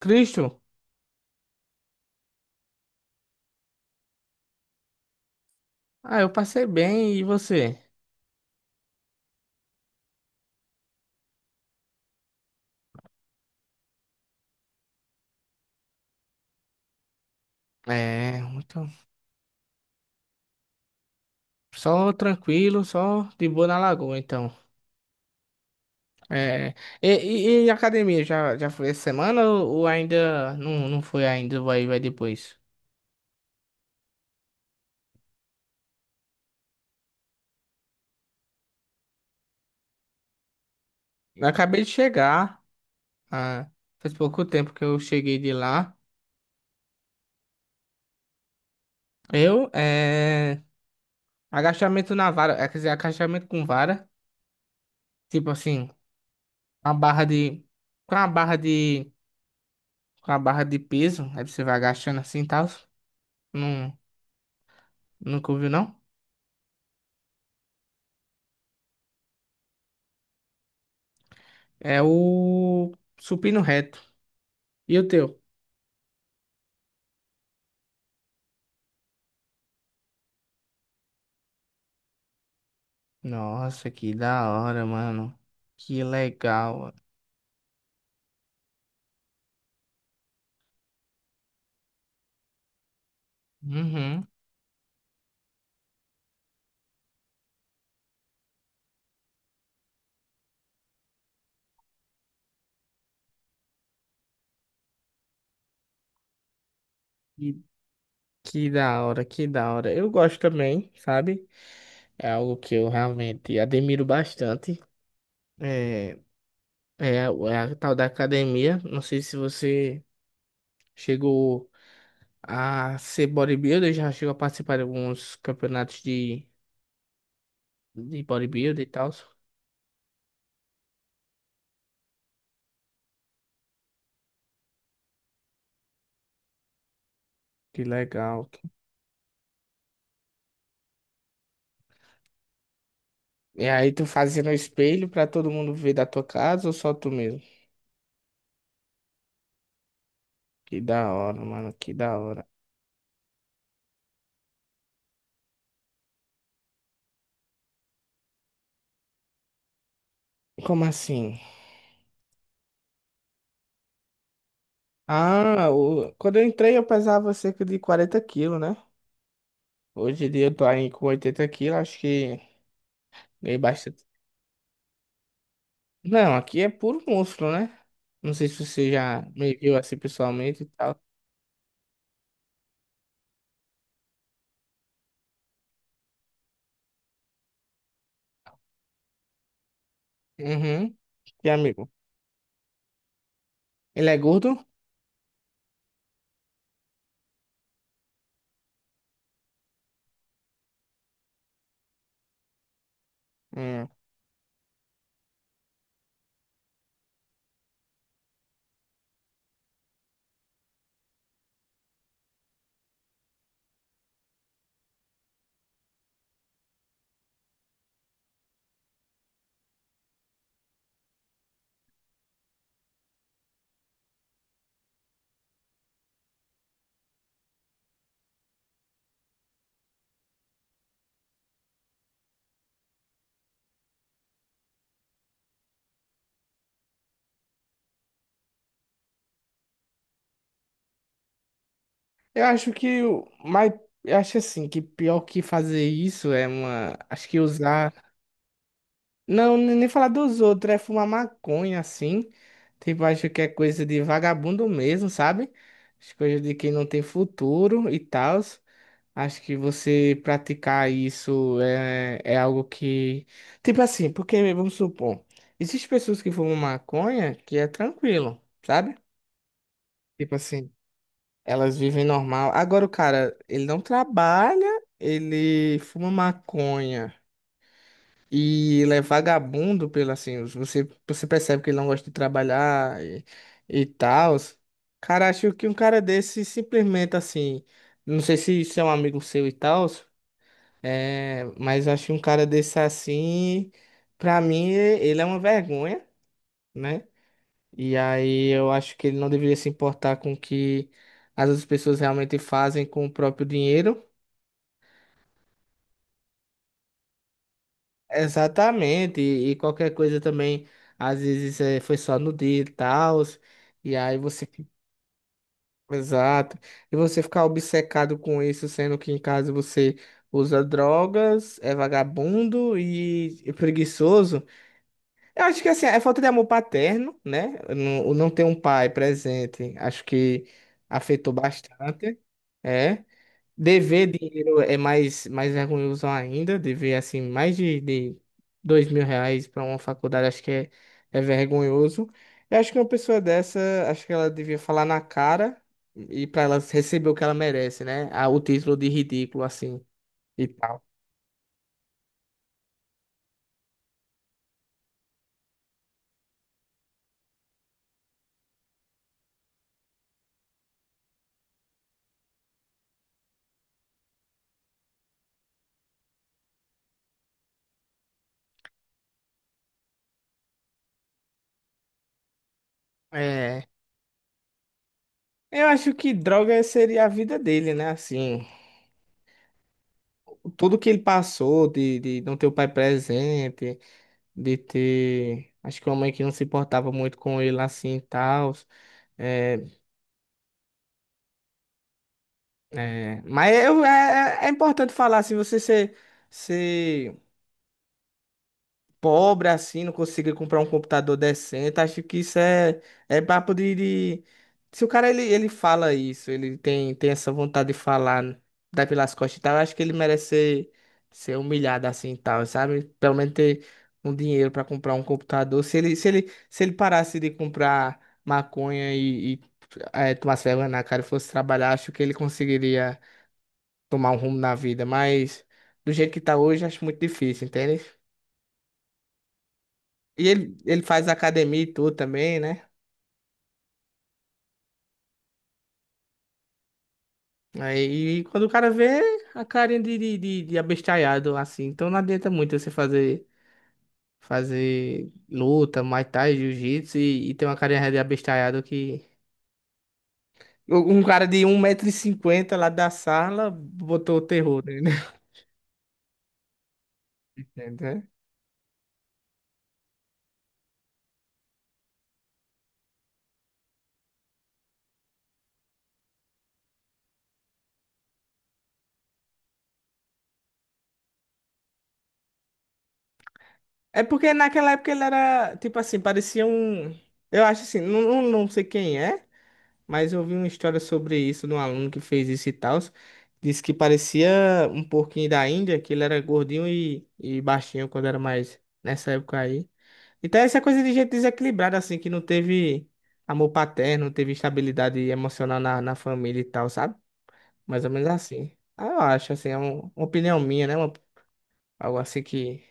Cristo, ah, eu passei bem e você? É, muito. Só tranquilo, só de boa na lagoa, então. É, e, e academia, já foi essa semana ou ainda não foi ainda, vai depois? Eu acabei de chegar, ah, faz pouco tempo que eu cheguei de lá. Eu, é, agachamento na vara, quer dizer, agachamento com vara, tipo assim, uma barra de, com a barra de, com a barra de peso, aí você vai agachando assim e tal. Nunca ouviu, não? É o supino reto. E o teu? Nossa, que da hora, mano. Que legal. Uhum. Que, que da hora, que da hora. Eu gosto também, sabe? É algo que eu realmente admiro bastante. É, é, é a tal da academia. Não sei se você chegou a ser bodybuilder, já chegou a participar de alguns campeonatos de bodybuilder e tal. Que legal. E aí tu fazia no espelho pra todo mundo ver da tua casa ou só tu mesmo? Que da hora, mano, que da hora. Como assim? Ah, quando eu entrei eu pesava cerca de 40 quilos, né? Hoje em dia eu tô aí com 80 quilos, acho que dei bastante. Não, aqui é puro músculo, né? Não sei se você já me viu assim pessoalmente e tal. Uhum. E amigo, ele é gordo? Hum. Eu acho que o mais, eu acho assim que pior que fazer isso é uma, acho que usar. Não, nem falar dos outros, é fumar maconha assim. Tipo, acho que é coisa de vagabundo mesmo, sabe? As coisas de quem não tem futuro e tal. Acho que você praticar isso é algo que. Tipo assim, porque vamos supor, existem pessoas que fumam maconha que é tranquilo, sabe? Tipo assim, elas vivem normal. Agora o cara, ele não trabalha, ele fuma maconha. E ele é vagabundo pelo assim, você percebe que ele não gosta de trabalhar e tal. Cara, acho que um cara desse simplesmente assim, não sei se isso é um amigo seu e tal, mas acho que um cara desse assim, pra mim, ele é uma vergonha, né? E aí eu acho que ele não deveria se importar com o que as outras pessoas realmente fazem com o próprio dinheiro. Exatamente, e qualquer coisa também, às vezes foi só no dia e tal, e aí você. Exato. E você ficar obcecado com isso, sendo que em casa você usa drogas, é vagabundo e preguiçoso. Eu acho que assim, é falta de amor paterno, né? Não ter um pai presente, acho que afetou bastante. É. Dever dinheiro é mais vergonhoso ainda. Dever, assim, mais de 2.000 reais para uma faculdade, acho que é vergonhoso. Eu acho que uma pessoa dessa, acho que ela devia falar na cara e para ela receber o que ela merece, né? Ah, o título de ridículo, assim, e tal. É. Eu acho que droga seria a vida dele, né? Assim, tudo que ele passou de não ter o pai presente, de ter. Acho que uma mãe que não se importava muito com ele, assim, e tal é, É, mas é importante falar, se você ser pobre assim, não conseguir comprar um computador decente, acho que isso é papo de. Se o cara ele fala isso, ele tem essa vontade de falar, dar pelas costas e tal, eu acho que ele merece ser humilhado assim e tal, sabe? Pelo menos ter um dinheiro para comprar um computador. Se ele parasse de comprar maconha e tomasse vergonha na cara e fosse trabalhar, acho que ele conseguiria tomar um rumo na vida, mas do jeito que tá hoje, acho muito difícil, entende? E ele faz academia e tudo também, né? Aí e quando o cara vê a carinha de abestalhado, assim, então não adianta muito você fazer luta, Muay Thai, Jiu-Jitsu e ter uma carinha de abestalhado que. Um cara de 1,50 m lá da sala botou o terror nele. Entendeu? É porque naquela época ele era, tipo assim, parecia um. Eu acho assim, não sei quem é. Mas eu vi uma história sobre isso de um aluno que fez isso e tal. Disse que parecia um porquinho da Índia, que ele era gordinho e baixinho quando era mais nessa época aí. Então essa coisa de gente desequilibrada, assim, que não teve amor paterno, não teve estabilidade emocional na família e tal, sabe? Mais ou menos assim. Ah, eu acho, assim, é uma opinião minha, né? Algo assim que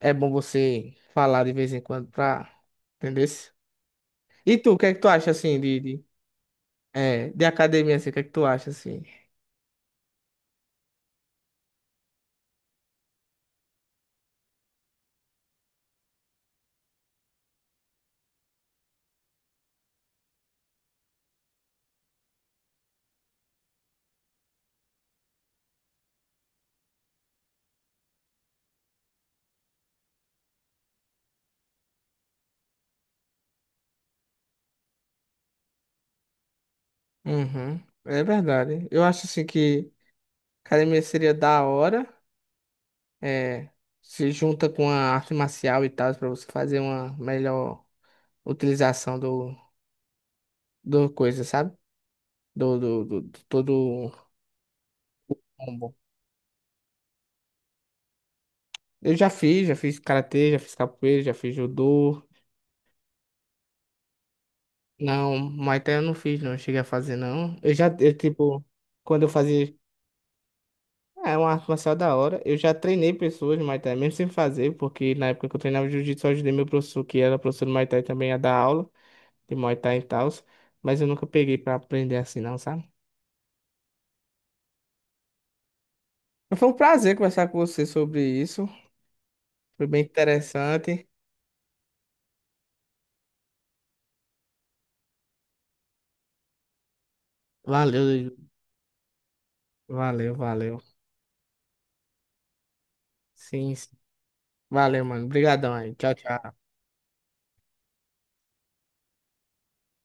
é bom você falar de vez em quando pra entender. E tu, o que é que tu acha, assim, de academia, assim, o que é que tu acha, assim? Uhum, é verdade. Eu acho assim que academia seria da hora, é, se junta com a arte marcial e tal, pra você fazer uma melhor utilização do coisa, sabe? Do todo o combo. Eu já fiz karatê, já fiz capoeira, já fiz judô. Não, Muay Thai eu não fiz, não. Cheguei a fazer, não. Eu, tipo, quando eu fazia. É uma arte marcial da hora. Eu já treinei pessoas de Muay Thai, mesmo sem fazer, porque na época que eu treinava Jiu-Jitsu, eu ajudei meu professor, que era professor de Muay Thai também, a dar aula de Muay Thai e tal. Mas eu nunca peguei pra aprender assim, não, sabe? Mas foi um prazer conversar com você sobre isso. Foi bem interessante. Valeu, Ju. Valeu, valeu. Sim, sim. Valeu, mano. Obrigadão aí. Tchau, tchau.